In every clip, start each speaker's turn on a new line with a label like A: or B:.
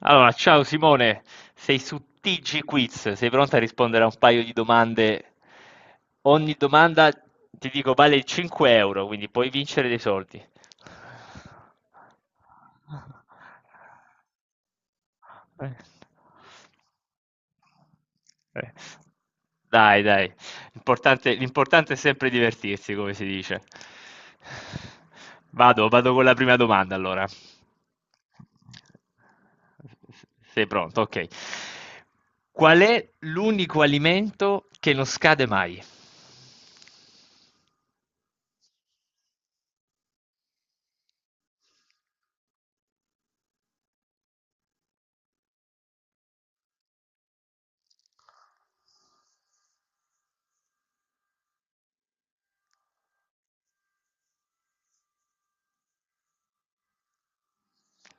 A: Allora, ciao Simone, sei su TG Quiz, sei pronta a rispondere a un paio di domande? Ogni domanda, ti dico, vale 5 euro, quindi puoi vincere dei soldi. Eh. Eh. Dai, dai. L'importante è sempre divertirsi, come si dice. Vado con la prima domanda allora. Sei pronto? Ok. Qual è l'unico alimento che non scade mai?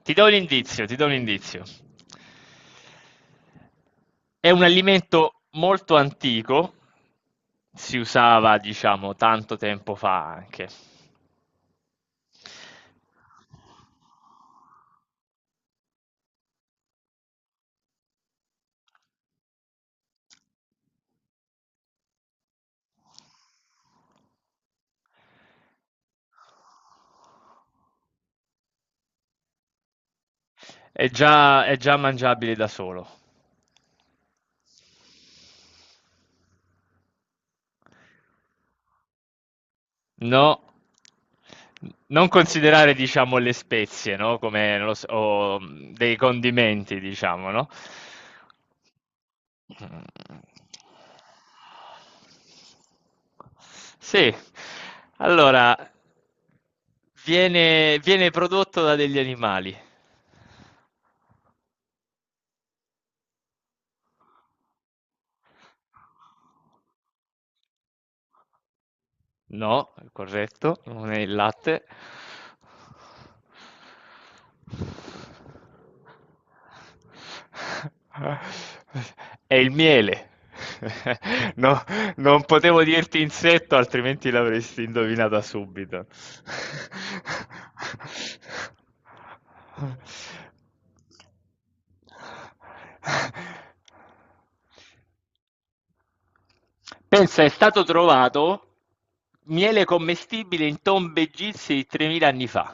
A: Ti do un indizio, ti do un indizio. È un alimento molto antico, si usava, diciamo, tanto tempo fa anche. È già mangiabile da solo. No, non considerare, diciamo, le spezie, no? Come, non lo so, o dei condimenti, diciamo, no? Mm. Sì, allora, viene prodotto da degli animali. No, è corretto, non è il latte. È il miele. No, non potevo dirti insetto, altrimenti l'avresti indovinata subito. Pensa, è stato trovato miele commestibile in tombe egizie di 3.000 anni fa.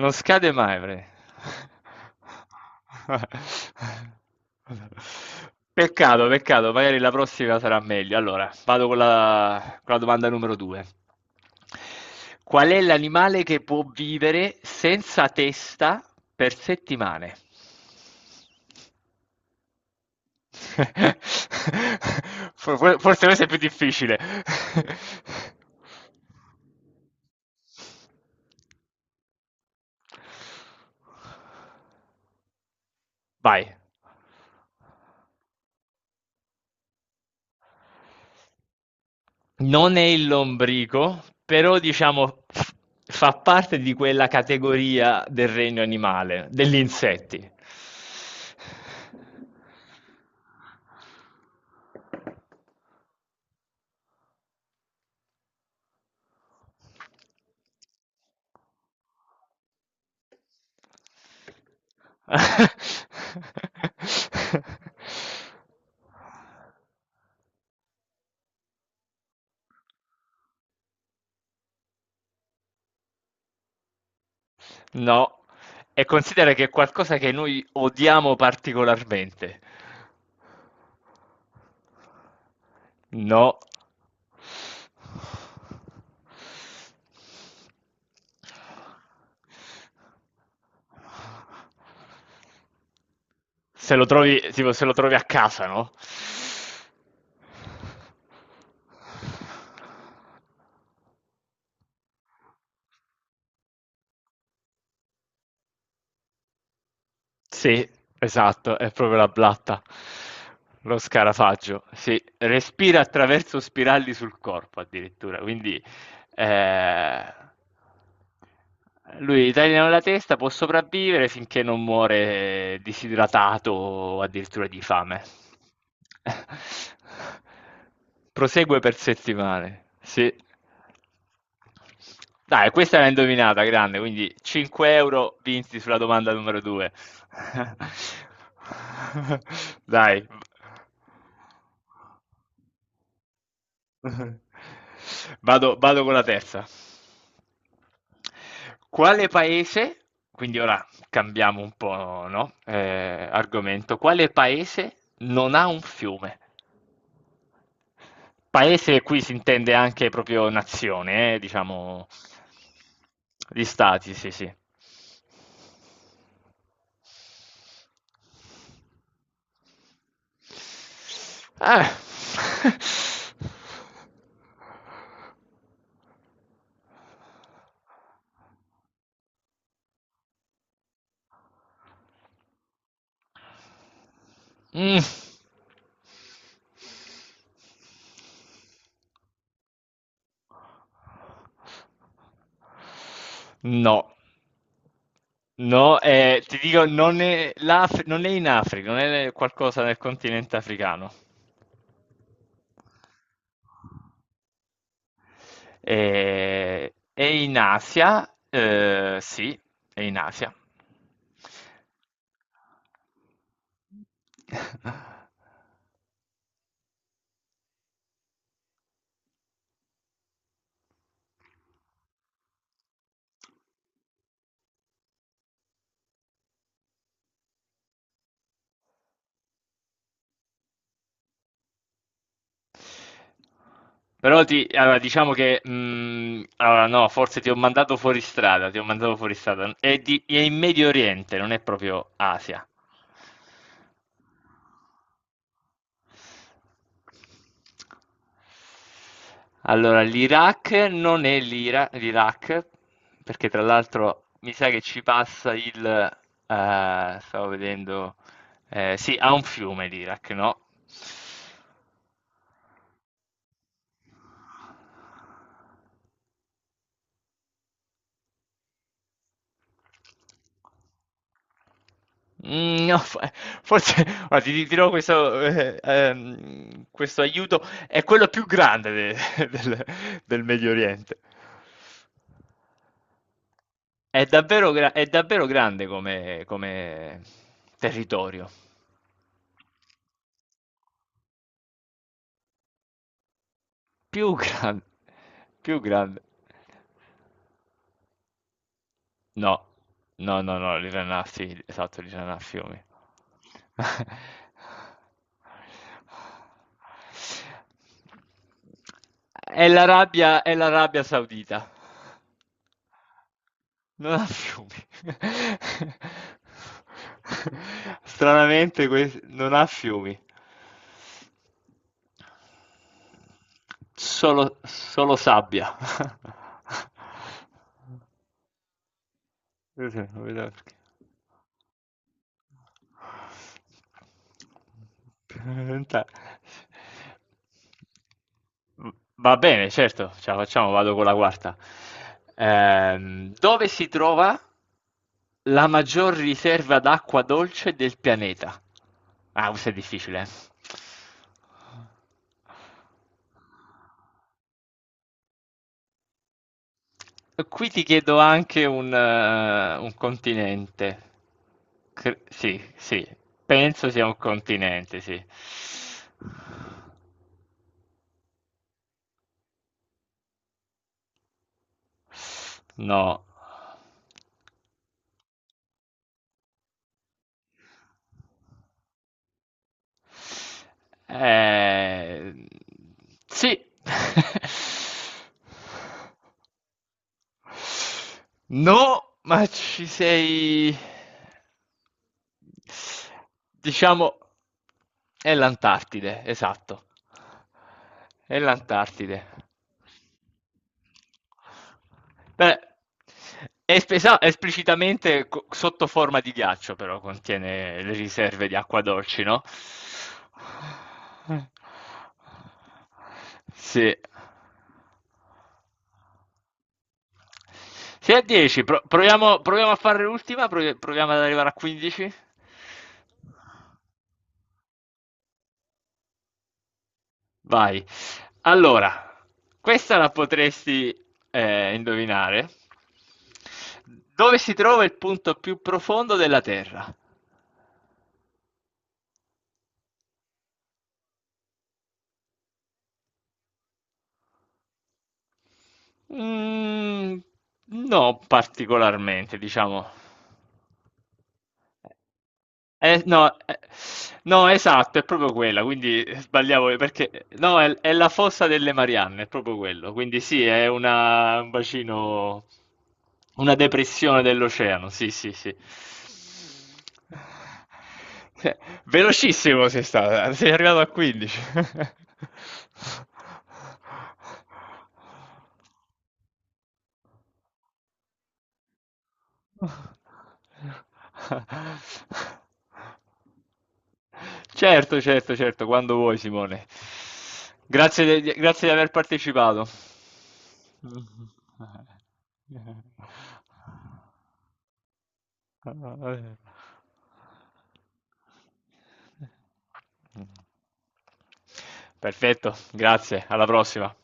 A: Non scade mai, pre- Peccato, peccato, magari la prossima sarà meglio. Allora, vado con la domanda numero 2. Qual è l'animale che può vivere senza testa per settimane? Forse questo è più difficile. Vai. Non è il lombrico, però diciamo f- fa parte di quella categoria del regno animale, degli insetti. No, e considera che è qualcosa che noi odiamo particolarmente. No. Se lo trovi, tipo, se lo trovi a casa, no? Sì, esatto, è proprio la blatta. Lo scarafaggio, sì, respira attraverso spirali sul corpo addirittura, quindi eh, lui taglia la testa, può sopravvivere finché non muore disidratato o addirittura di fame. Prosegue per settimane, sì. Dai, questa l'ha indovinata, grande, quindi 5 euro vinti sulla domanda numero 2. Dai, vado con la terza. Quale paese, quindi ora cambiamo un po', no? Argomento. Quale paese non ha un fiume? Paese qui si intende anche proprio nazione, diciamo, gli stati, sì, sì. Ah. Mm. No, no, ti dico, non è, l'Af- non è in Africa, non è qualcosa nel continente africano. È in Asia, sì, è in Asia. Però ti, allora, diciamo che, allora no, forse ti ho mandato fuori strada, ti ho mandato fuori strada. È in Medio Oriente, non è proprio Asia. Allora, l'Iraq non è l'Iraq, perché tra l'altro mi sa che ci passa stavo vedendo. Eh, sì, ha un fiume l'Iraq, no? Mm, no, fa- forse, guarda, ti dirò questo, questo aiuto. È quello più grande de- del Medio Oriente. È davvero grande come territorio. Più grande, più grande. No, no, no, no, l'Irana a Fiume, esatto, l'Irana a Fiume. È l'Arabia Saudita, non ha fiumi. Stranamente, quest- non ha fiumi, solo, solo sabbia. Sì, sì, non vedo perché. Veramente. Va bene, certo, ce la facciamo, vado con la quarta. Dove si trova la maggior riserva d'acqua dolce del pianeta? Ah, questo è difficile. Qui ti chiedo anche un continente. Cre- sì, sì, penso sia un continente, sì. No. Eh, sì. No, ma ci sei. Diciamo, è l'Antartide, esatto. È l'Antartide. Beh, è espesa- esplicitamente co- sotto forma di ghiaccio, però contiene le riserve di acqua dolci, no? Sì. Sei a 10, proviamo a fare l'ultima, proviamo ad arrivare a 15. Vai. Allora, questa la potresti indovinare. Dove si trova il punto più profondo della Terra? Mm, no, particolarmente, diciamo. No, no, esatto, è proprio quella, quindi sbagliavo perché no, è la fossa delle Marianne, è proprio quello, quindi sì, è un bacino, una depressione dell'oceano, sì, sì, sì. Cioè, Sei arrivato a 15. Certo, certo, certo, quando vuoi, Simone. Grazie, grazie di aver partecipato. Perfetto, grazie, alla prossima.